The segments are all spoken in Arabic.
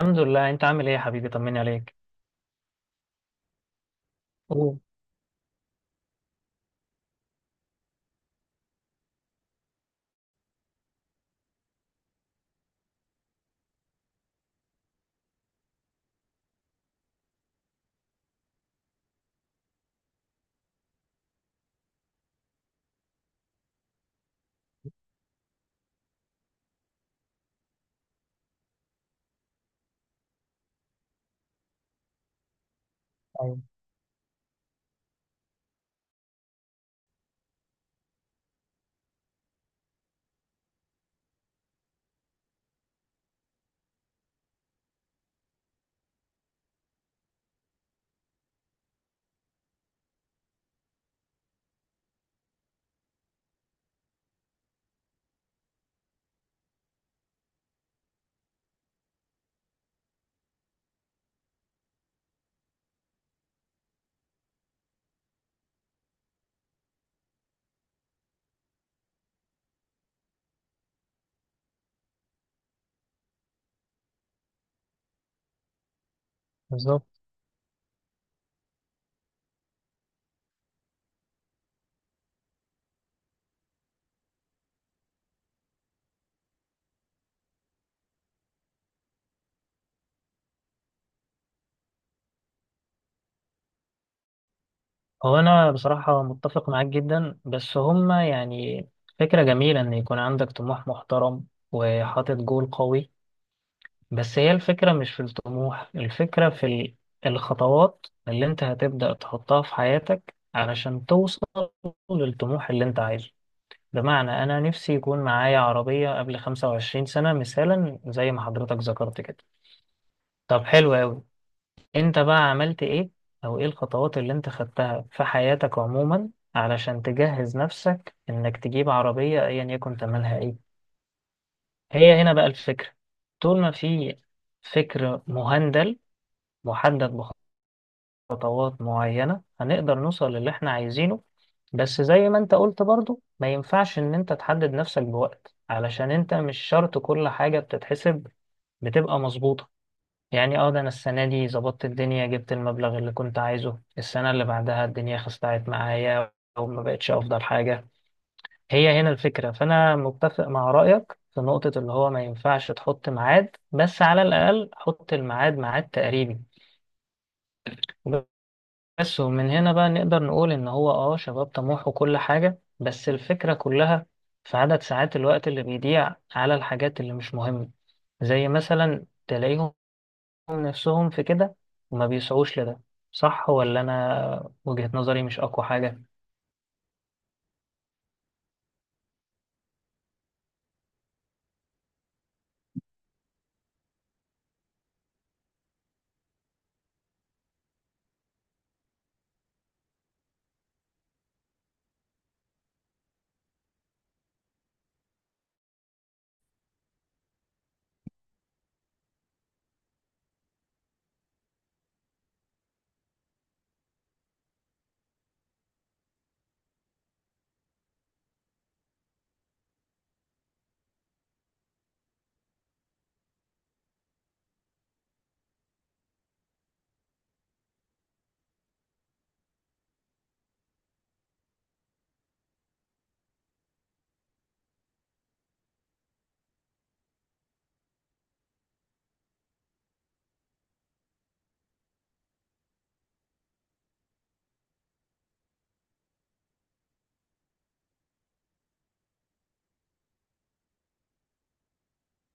الحمد لله، انت عامل ايه يا حبيبي؟ طمني عليك. اوه. ايوه. بالظبط. هو انا بصراحة متفق معاك جدا، بس هما فكرة جميلة ان يكون عندك طموح محترم وحاطط جول قوي. بس هي الفكرة مش في الطموح، الفكرة في الخطوات اللي انت هتبدأ تحطها في حياتك علشان توصل للطموح اللي انت عايزه. بمعنى انا نفسي يكون معايا عربية قبل 25 سنة مثالا زي ما حضرتك ذكرت كده. طب حلو قوي، انت بقى عملت ايه؟ او ايه الخطوات اللي انت خدتها في حياتك عموما علشان تجهز نفسك انك تجيب عربية ايا يكن تمنها ايه؟ هي هنا بقى الفكرة، طول ما في فكر مهندل محدد بخطوات معينة هنقدر نوصل للي احنا عايزينه. بس زي ما انت قلت برضو ما ينفعش ان انت تحدد نفسك بوقت، علشان انت مش شرط كل حاجة بتتحسب بتبقى مظبوطة. يعني اه ده انا السنه دي ظبطت الدنيا، جبت المبلغ اللي كنت عايزه، السنه اللي بعدها الدنيا خستعت معايا وما بقتش افضل حاجه. هي هنا الفكره. فانا متفق مع رايك في نقطه اللي هو ما ينفعش تحط ميعاد، بس على الاقل حط الميعاد ميعاد تقريبي بس. ومن هنا بقى نقدر نقول ان هو اه شباب طموح وكل حاجه، بس الفكره كلها في عدد ساعات الوقت اللي بيضيع على الحاجات اللي مش مهمه. زي مثلا تلاقيهم نفسهم في كده وما بيسعوش لده. صح ولا أنا وجهة نظري مش أقوى حاجة؟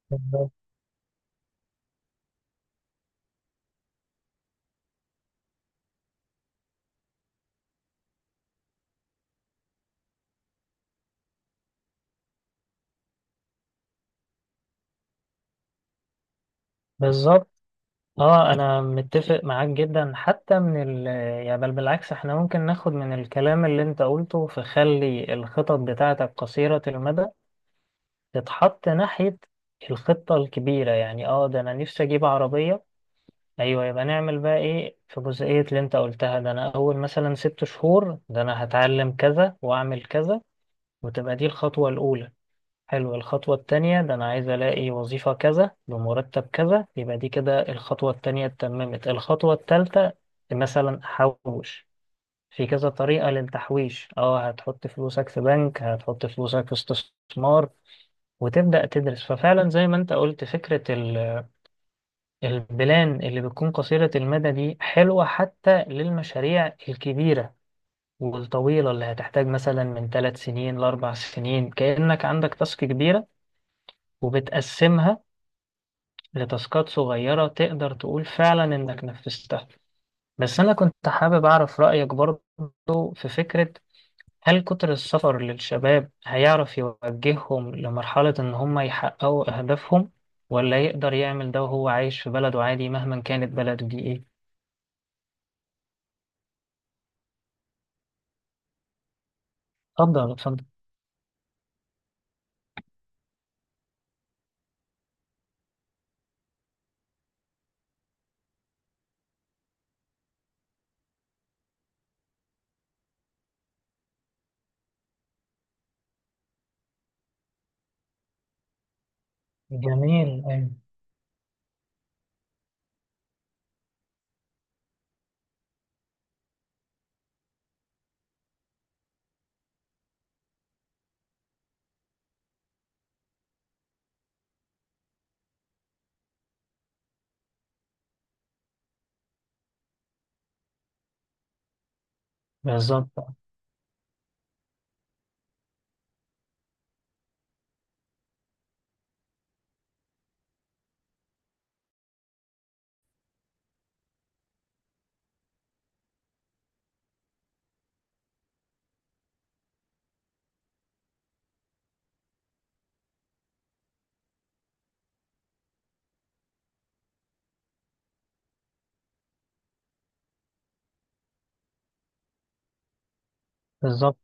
بالظبط. بالظبط. اه انا متفق معاك جدا حتى من ال، يعني بل بالعكس احنا ممكن ناخد من الكلام اللي انت قلته، فخلي الخطط بتاعتك قصيرة المدى تتحط ناحية الخطة الكبيرة. يعني اه ده انا نفسي اجيب عربية، ايوه، يبقى نعمل بقى ايه في جزئية اللي انت قلتها. ده انا اول مثلا ست شهور ده انا هتعلم كذا واعمل كذا، وتبقى دي الخطوة الاولى. حلو. الخطوة التانية ده أنا عايز ألاقي وظيفة كذا بمرتب كذا، يبقى دي كده الخطوة التانية اتممت. الخطوة التالتة مثلا أحوش، في كذا طريقة للتحويش، اه هتحط فلوسك في بنك، هتحط فلوسك في استثمار وتبدأ تدرس. ففعلا زي ما انت قلت فكرة البلان اللي بتكون قصيرة المدى دي حلوة حتى للمشاريع الكبيرة والطويلة اللي هتحتاج مثلا من ثلاث سنين لأربع سنين. كأنك عندك تاسك كبيرة وبتقسمها لتاسكات صغيرة تقدر تقول فعلا إنك نفذتها. بس أنا كنت حابب أعرف رأيك برضو في فكرة، هل كتر السفر للشباب هيعرف يوجههم لمرحلة إن هم يحققوا أهدافهم، ولا يقدر يعمل ده وهو عايش في بلده عادي مهما كانت بلده دي إيه؟ اتفضل اتفضل. جميل، أيوة. بالظبط. بالظبط.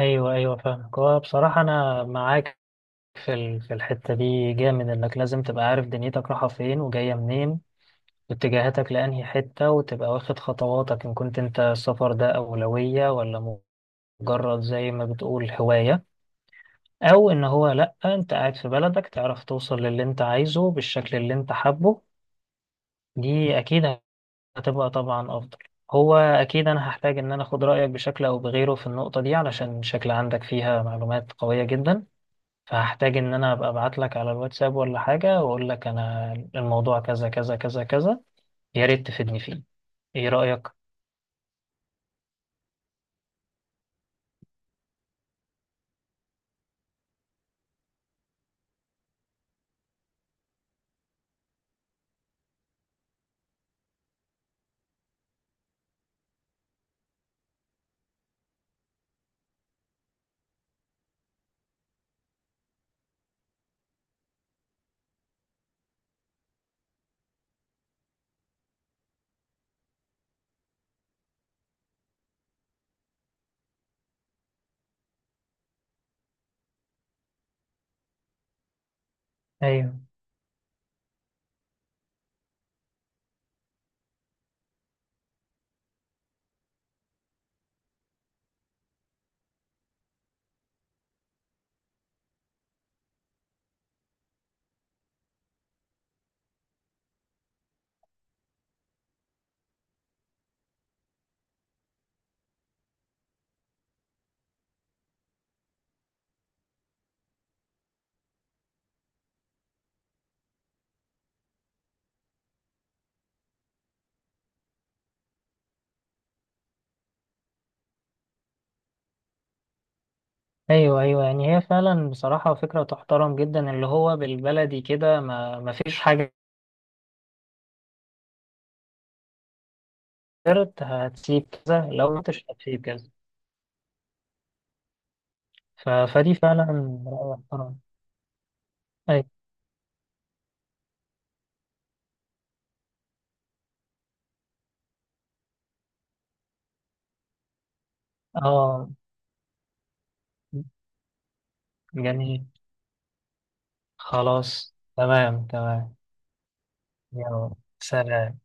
أيوه أيوه، فاهمك. هو بصراحة أنا معاك في في الحتة دي جامد، إنك لازم تبقى عارف دنيتك رايحة فين وجاية منين، اتجاهاتك لأنهي حتة، وتبقى واخد خطواتك إن كنت أنت السفر ده أولوية ولا مجرد زي ما بتقول هواية، أو إن هو لأ أنت قاعد في بلدك تعرف توصل للي أنت عايزه بالشكل اللي أنت حابه. دي أكيد هتبقى طبعا أفضل. هو أكيد أنا هحتاج إن أنا أخد رأيك بشكل أو بغيره في النقطة دي، علشان شكل عندك فيها معلومات قوية جدا. فهحتاج إن أنا أبقى أبعت لك على الواتساب ولا حاجة وأقول لك أنا الموضوع كذا كذا كذا كذا، يا ريت تفيدني فيه. إيه رأيك؟ ايوه ايوه. ايوه يعني هي فعلا بصراحه فكره تحترم جدا، اللي هو بالبلدي كده ما ما فيش حاجه غيرت، هتسيب كذا لو ما انتش هتسيب كذا. فدي فعلا راي محترم. اي. اه. جميل. خلاص، تمام تمام. يلا سلام.